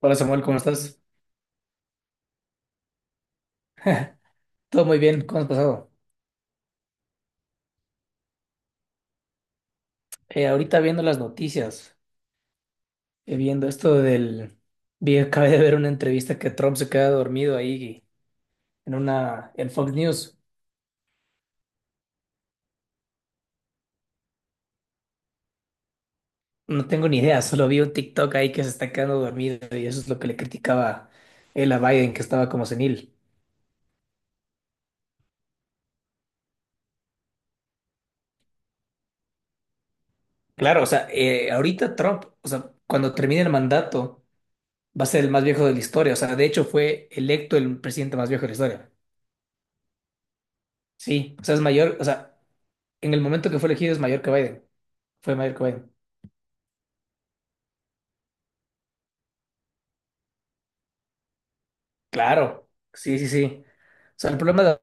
Hola Samuel, ¿cómo estás? Todo muy bien, ¿cómo has pasado? Ahorita viendo las noticias, viendo esto del... Acabé de ver una entrevista que Trump se queda dormido ahí en una... en Fox News. No tengo ni idea, solo vi un TikTok ahí que se está quedando dormido y eso es lo que le criticaba él a Biden, que estaba como senil. Claro, o sea, ahorita Trump, o sea, cuando termine el mandato, va a ser el más viejo de la historia. O sea, de hecho fue electo el presidente más viejo de la historia. Sí, o sea, es mayor, o sea, en el momento que fue elegido es mayor que Biden. Fue Michael Cohen. Claro, sí, sí, sí. O sea, el problema de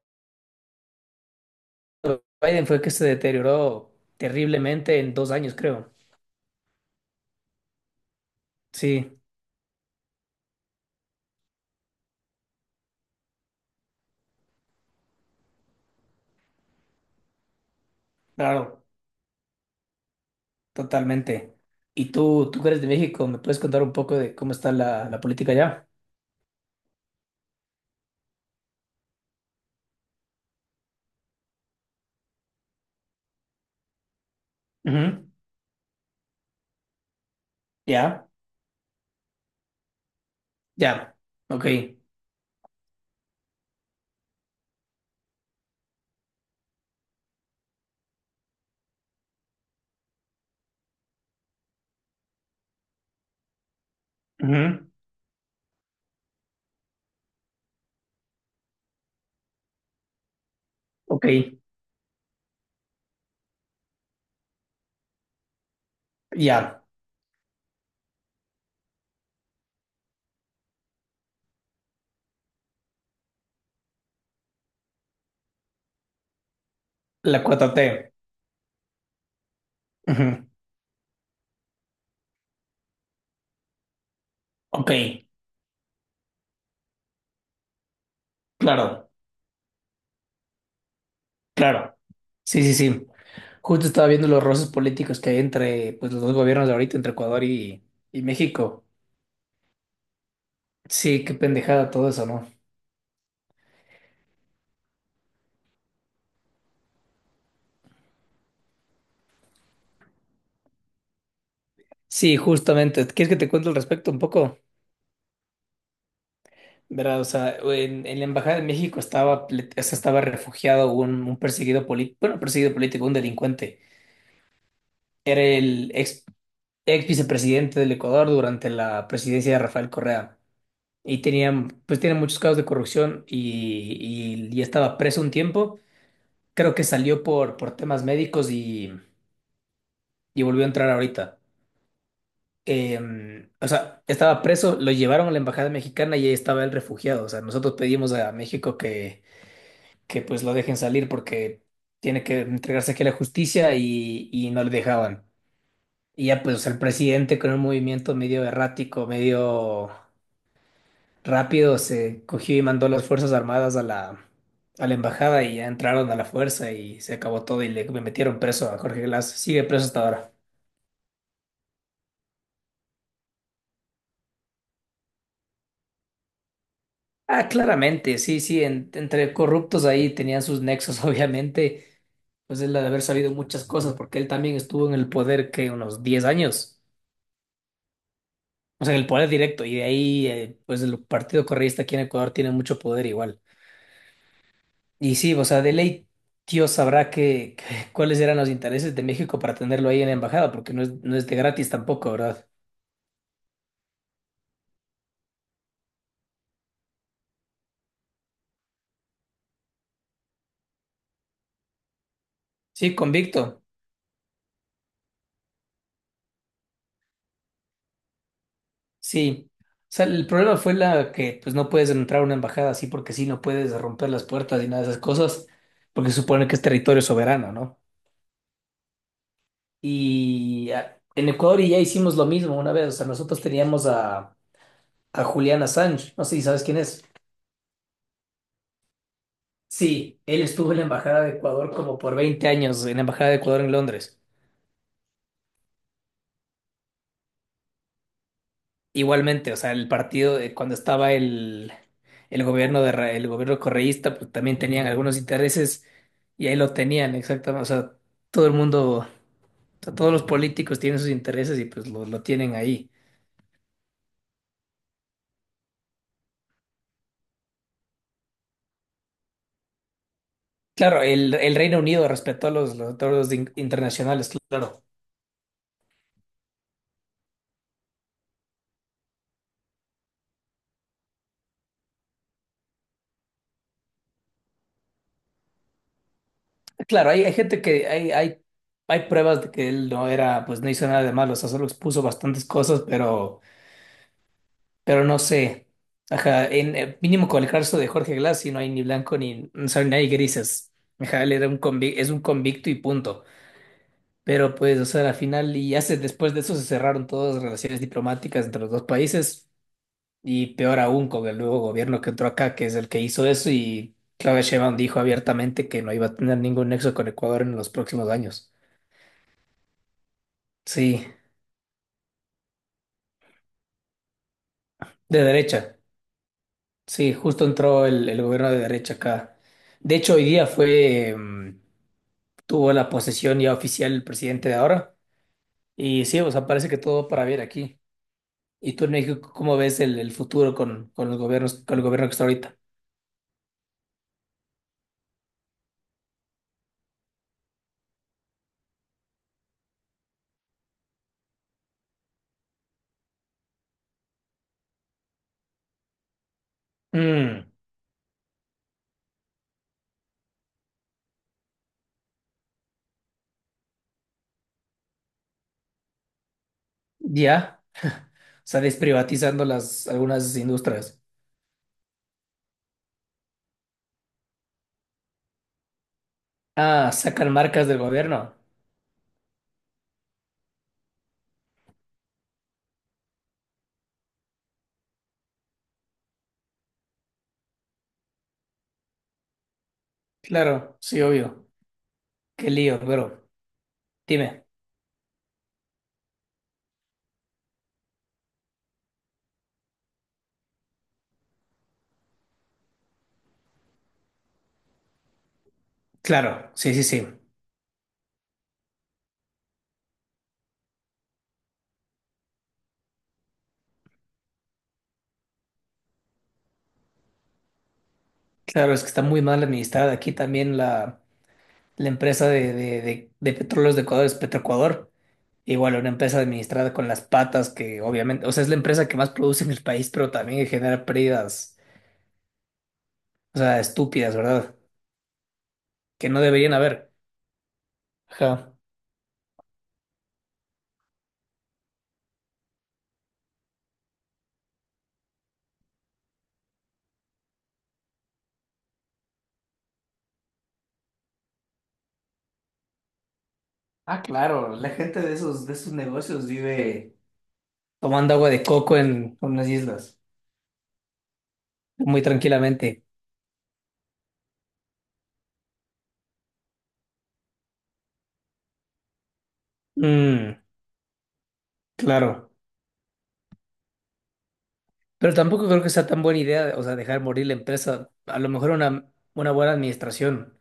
Biden fue que se deterioró terriblemente en dos años, creo. Sí, claro, totalmente. Y tú que eres de México, ¿me puedes contar un poco de cómo está la política allá? Ujú. Ya, ya, ok. Ujú. Ok, ya, la cuarta t. Ujú. Ok, claro. Claro, sí, sí, sí. Justo estaba viendo los roces políticos que hay entre pues, los dos gobiernos de ahorita, entre Ecuador y México. Sí, qué pendejada todo eso, ¿no? Sí, justamente. ¿Quieres que te cuente al respecto un poco? Verás, o sea, en la Embajada de México estaba, o sea, estaba refugiado un perseguido político, bueno, perseguido político, un delincuente. Era el ex vicepresidente del Ecuador durante la presidencia de Rafael Correa. Y tenía, pues, tenía muchos casos de corrupción y, y estaba preso un tiempo. Creo que salió por temas médicos y volvió a entrar ahorita. O sea, estaba preso, lo llevaron a la embajada mexicana y ahí estaba el refugiado. O sea, nosotros pedimos a México que pues lo dejen salir porque tiene que entregarse aquí a la justicia y no le dejaban. Y ya pues el presidente con un movimiento medio errático, medio rápido, se cogió y mandó las Fuerzas Armadas a a la embajada y ya entraron a la fuerza y se acabó todo y le metieron preso a Jorge Glass. Sigue preso hasta ahora. Ah, claramente, sí, sí, entre corruptos ahí tenían sus nexos, obviamente, pues él ha de haber sabido muchas cosas, porque él también estuvo en el poder que unos 10 años, o sea, en el poder directo, y de ahí, pues el Partido Correísta aquí en Ecuador tiene mucho poder igual. Y sí, o sea, de ley, Dios sabrá que, cuáles eran los intereses de México para tenerlo ahí en la embajada, porque no es, no es de gratis tampoco, ¿verdad? Sí, convicto. Sí, o sea, el problema fue la que pues no puedes entrar a una embajada así porque sí, no puedes romper las puertas y nada de esas cosas, porque se supone que es territorio soberano, ¿no? Y ah, en Ecuador ya hicimos lo mismo una vez, o sea, nosotros teníamos a Julián Assange, no sé si sabes quién es. Sí, él estuvo en la embajada de Ecuador como por 20 años, en la embajada de Ecuador en Londres. Igualmente, o sea, el partido, cuando estaba el gobierno de, el gobierno correísta, pues también tenían algunos intereses y ahí lo tenían, exactamente. O sea, todo el mundo, o sea, todos los políticos tienen sus intereses y pues lo tienen ahí. Claro, el Reino Unido respetó los acuerdos internacionales, claro. Claro, hay gente que hay pruebas de que él no era, pues no hizo nada de malo, o sea, solo expuso bastantes cosas, pero. Pero no sé. Ajá, en, mínimo con el caso de Jorge Glass, y no hay ni blanco ni, o sea, ni hay grises. Ajá, él era un es un convicto y punto. Pero pues, o sea, al final, y hace, después de eso se cerraron todas las relaciones diplomáticas entre los dos países, y peor aún con el nuevo gobierno que entró acá, que es el que hizo eso, y Claudia Sheinbaum dijo abiertamente que no iba a tener ningún nexo con Ecuador en los próximos años. Sí, de derecha. Sí, justo entró el gobierno de derecha acá. De hecho, hoy día fue. Tuvo la posesión ya oficial el presidente de ahora. Y sí, o sea, parece que todo va para bien aquí. ¿Y tú en México cómo ves el futuro con los gobiernos, con el gobierno que está ahorita? Mm, ya, o sea, desprivatizando las, algunas industrias. Ah, sacan marcas del gobierno. Claro, sí, obvio. Qué lío, pero dime. Claro, sí, sí, sí. Claro, es que está muy mal administrada aquí también la empresa de petróleos de Ecuador, es Petroecuador. Igual una empresa administrada con las patas que obviamente, o sea, es la empresa que más produce en el país, pero también genera pérdidas, o sea, estúpidas, ¿verdad? Que no deberían haber. Ajá. Ah, claro, la gente de esos negocios vive tomando agua de coco en unas islas, muy tranquilamente. Mm, claro. Pero tampoco creo que sea tan buena idea, o sea, dejar morir la empresa. A lo mejor una buena administración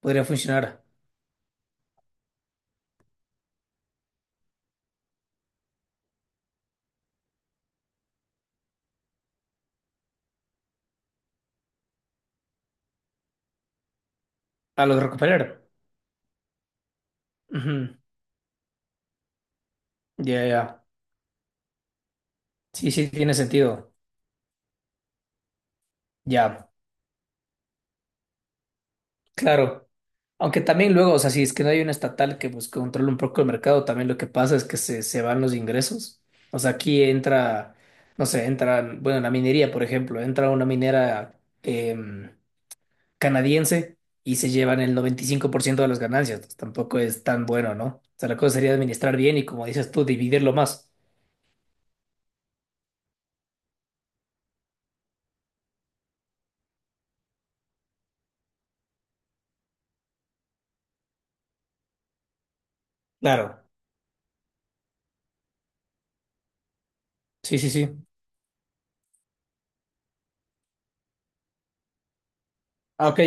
podría funcionar. A los Rockefeller. Ujú. Ya, ya. Sí, sí, tiene sentido. Ya. Claro, aunque también luego, o sea, si es que no hay una estatal que pues controle un poco el mercado, también lo que pasa es que se van los ingresos. O sea, aquí entra, no sé, entra, bueno, la minería, por ejemplo, entra una minera em, canadiense y se llevan el 95% de las ganancias. Pues, tampoco es tan bueno, ¿no? O sea, la cosa sería administrar bien y como dices tú, dividirlo más. Claro, sí, sí, sí. Ah, ok,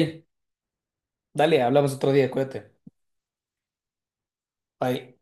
dale, hablamos otro día, cuídate. Bye.